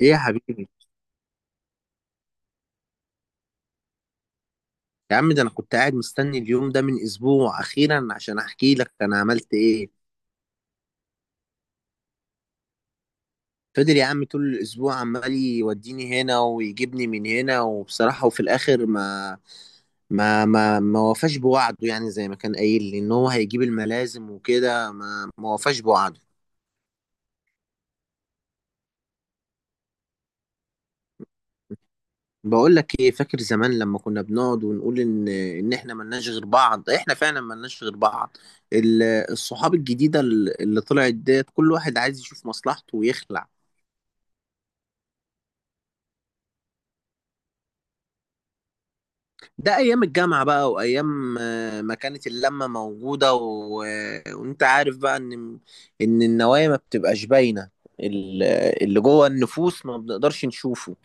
ايه يا حبيبي. يا عم، ده انا كنت قاعد مستني اليوم ده من اسبوع، اخيرا عشان احكي لك انا عملت ايه. فضل يا عم طول الاسبوع عمال يوديني هنا ويجيبني من هنا، وبصراحة وفي الاخر ما وفاش بوعده، يعني زي ما كان قايل لي ان هو هيجيب الملازم وكده ما وفاش بوعده. بقول لك ايه، فاكر زمان لما كنا بنقعد ونقول ان احنا ملناش غير بعض؟ احنا فعلا ملناش غير بعض. ال- الصحاب الجديدة اللي طلعت ديت كل واحد عايز يشوف مصلحته ويخلع. ده ايام الجامعه بقى وايام، ما كانت اللمه موجوده، وانت عارف بقى ان النوايا ما بتبقاش باينه، ال- اللي جوه النفوس ما بنقدرش نشوفه.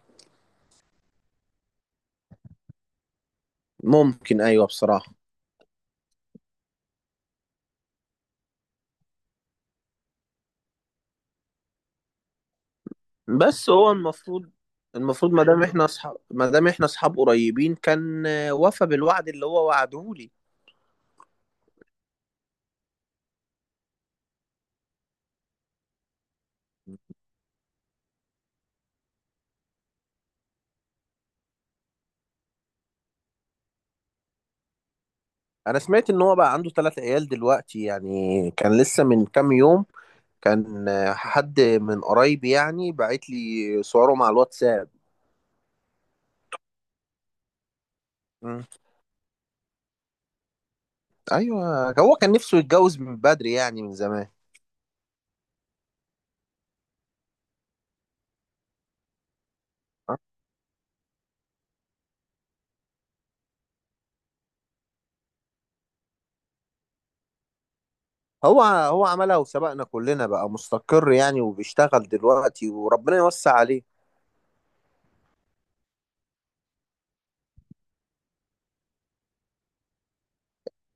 ممكن، ايوه بصراحه. بس هو المفروض ما دام احنا اصحاب قريبين، كان وفى بالوعد اللي هو وعدهولي. انا سمعت ان هو بقى عنده 3 عيال دلوقتي، يعني كان لسه من كام يوم كان حد من قرايبي يعني بعت لي صوره مع الواتساب. ايوه، هو كان نفسه يتجوز من بدري يعني من زمان. هو عملها وسبقنا كلنا، بقى مستقر يعني وبيشتغل دلوقتي وربنا يوسع عليه.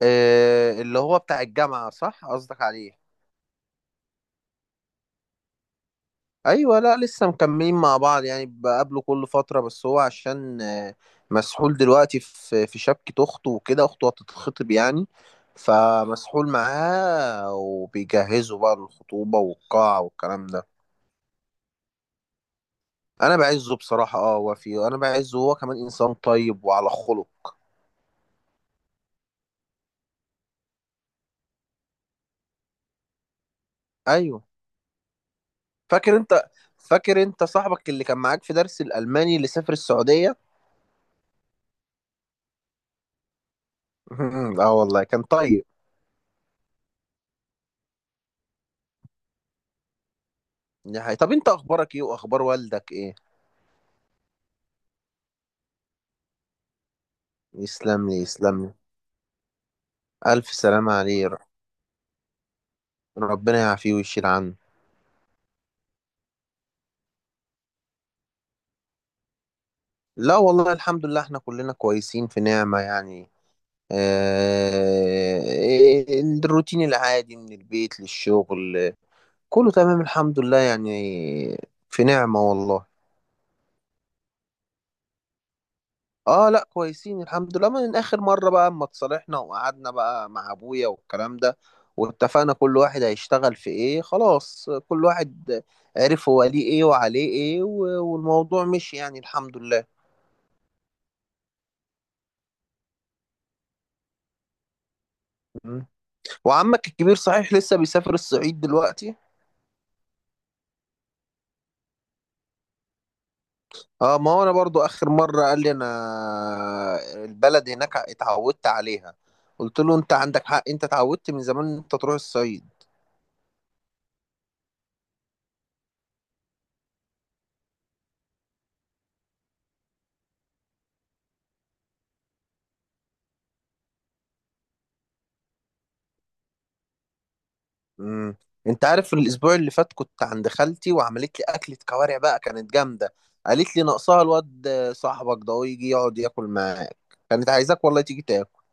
آه، اللي هو بتاع الجامعة، صح قصدك عليه؟ ايوه، لا لسه مكملين مع بعض يعني، بقابله كل فترة، بس هو عشان مسحول دلوقتي في شبكة اخته وكده، اخته هتتخطب يعني، فمسحول معاه وبيجهزوا بقى للخطوبة والقاعة والكلام ده. انا بعزه بصراحه، اه وفي، انا بعزه، هو كمان انسان طيب وعلى خلق. ايوه، فاكر انت فاكر انت صاحبك اللي كان معاك في درس الالماني اللي سافر السعوديه اه والله كان طيب. دي حقيقة. طب انت اخبارك ايه واخبار والدك ايه؟ يسلم لي يسلم لي. الف سلامه عليه، ربنا يعافيه ويشيل عنه. لا والله الحمد لله احنا كلنا كويسين في نعمه يعني، آه، إيه، الروتين العادي من البيت للشغل. كله تمام الحمد لله يعني. في نعمة والله. اه لا كويسين الحمد لله من اخر مرة بقى اما اتصالحنا وقعدنا بقى مع ابويا والكلام ده. واتفقنا كل واحد هيشتغل في ايه، خلاص كل واحد عرف هو ليه ايه وعليه ايه والموضوع مشي يعني الحمد لله. مم. وعمك الكبير صحيح لسه بيسافر الصعيد دلوقتي؟ اه، ما هو انا برضو اخر مرة قال لي انا البلد هناك اتعودت عليها. قلت له انت عندك حق، انت اتعودت من زمان ان انت تروح الصعيد. امم. انت عارف الاسبوع اللي فات كنت عند خالتي وعملت لي اكله كوارع بقى كانت جامده. قالت لي ناقصها الواد صاحبك ده ويجي يقعد ياكل معاك، كانت عايزاك والله تيجي تاكل.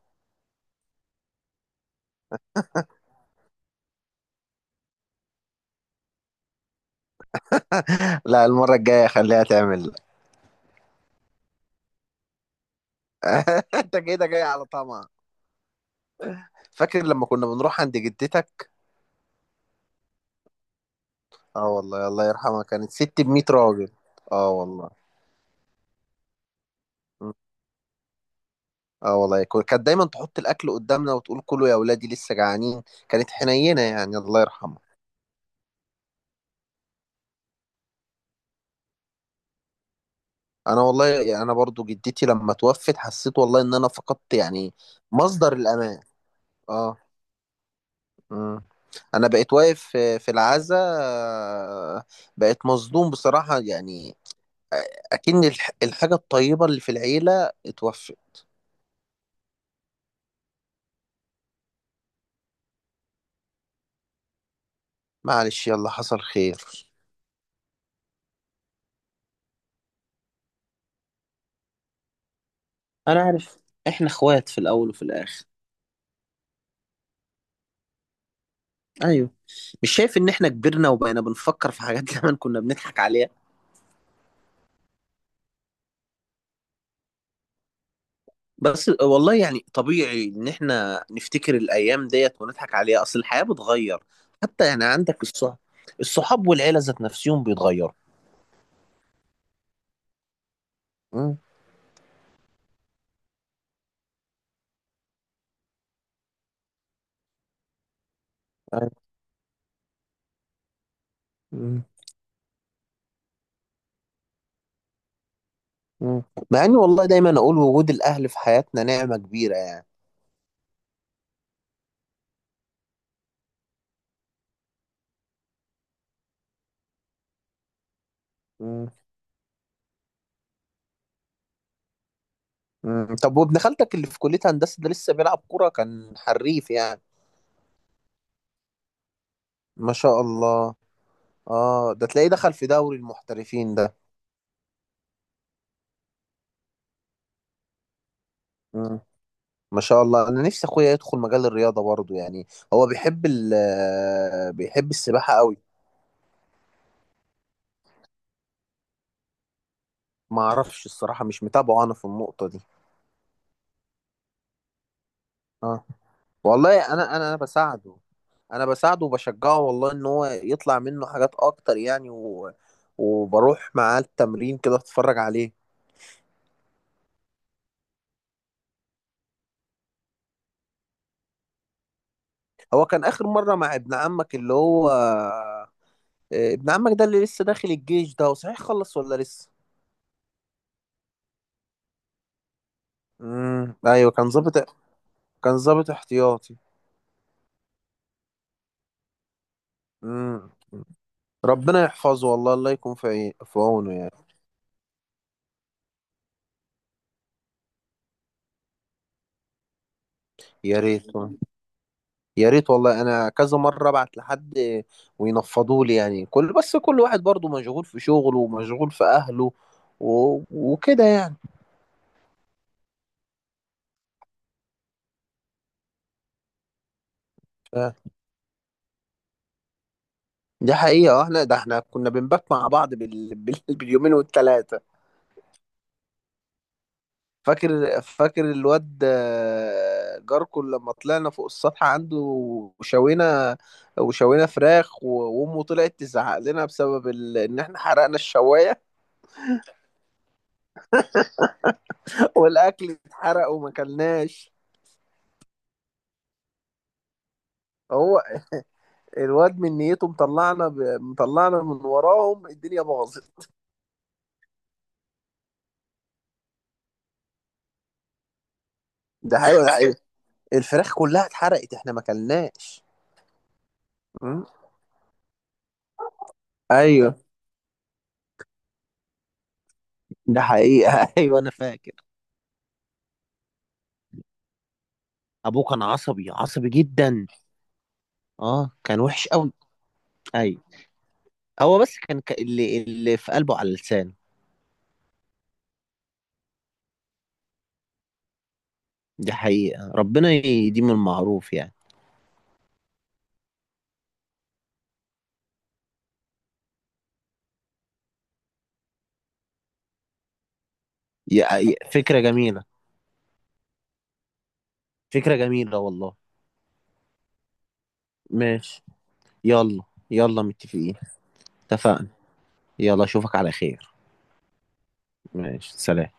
لا، المره الجايه خليها تعمل لك. انت كده جاي على طمع. فاكر لما كنا بنروح عند جدتك؟ اه والله الله يرحمها، كانت ست ب 100 راجل. اه والله. مم. اه والله كانت دايما تحط الاكل قدامنا وتقول كلوا يا ولادي لسه جعانين. كانت حنينه يعني الله يرحمها. انا والله يعني انا برضو جدتي لما توفت حسيت والله ان انا فقدت يعني مصدر الامان. اه. امم. انا بقيت واقف في العزاء، بقيت مصدوم بصراحة يعني. آه، اكن الحاجة الطيبة اللي في العيلة اتوفت. معلش يلا حصل خير. انا عارف. احنا اخوات في الاول وفي الاخر. ايوه، مش شايف ان احنا كبرنا وبقينا بنفكر في حاجات زمان كنا بنضحك عليها؟ بس والله يعني طبيعي ان احنا نفتكر الايام ديت ونضحك عليها، اصل الحياه بتغير. حتى يعني عندك الصحاب والعيله ذات نفسهم بيتغيروا. مم. أيوة. مم. مم. مع اني والله دايما اقول وجود الاهل في حياتنا نعمه كبيره يعني. مم. مم. طب وابن خالتك اللي في كليه هندسه ده لسه بيلعب كوره كان حريف يعني؟ ما شاء الله. اه، ده تلاقيه دخل في دوري المحترفين. ده ما شاء الله، انا نفسي اخويا يدخل مجال الرياضه برضه يعني. هو بيحب السباحه قوي. ما اعرفش الصراحه مش متابعه انا في النقطه دي. اه والله، انا بساعده. انا بساعده وبشجعه والله ان هو يطلع منه حاجات اكتر يعني، وبروح معاه التمرين كده اتفرج عليه. هو كان اخر مره مع ابن عمك اللي هو، ابن عمك ده اللي لسه داخل الجيش، ده هو صحيح خلص ولا لسه؟ ايوه كان ظابط. كان ظابط احتياطي. امم. ربنا يحفظه والله، الله يكون في عونه يعني. يا ريت يا ريت والله، انا كذا مره ابعت لحد وينفضوا لي يعني، بس كل واحد برضه مشغول في شغله ومشغول في اهله وكده يعني. ف- دي حقيقه، احنا كنا بنبات مع بعض باليومين والثلاثه. فاكر الواد، جاركو، لما طلعنا فوق السطح عنده وشوينا وشوينا فراخ وامه طلعت تزعق لنا بسبب ان احنا حرقنا الشوايه والاكل اتحرق وما كلناش. هو الواد من نيته، مطلعنا من وراهم الدنيا باظت. ده حقيقة ده حقيقة. الفراخ كلها اتحرقت احنا ما كلناش. م? ايوه. ده حقيقة ايوه انا فاكر. ابوه كان عصبي عصبي جدا. اه كان وحش قوي. ايوه، هو بس كان، اللي في قلبه على لسانه. دي حقيقة ربنا يديم المعروف يعني. فكرة جميلة، فكرة جميلة والله. ماشي. يلا يلا متفقين. اتفقنا. يلا اشوفك على خير. ماشي سلام.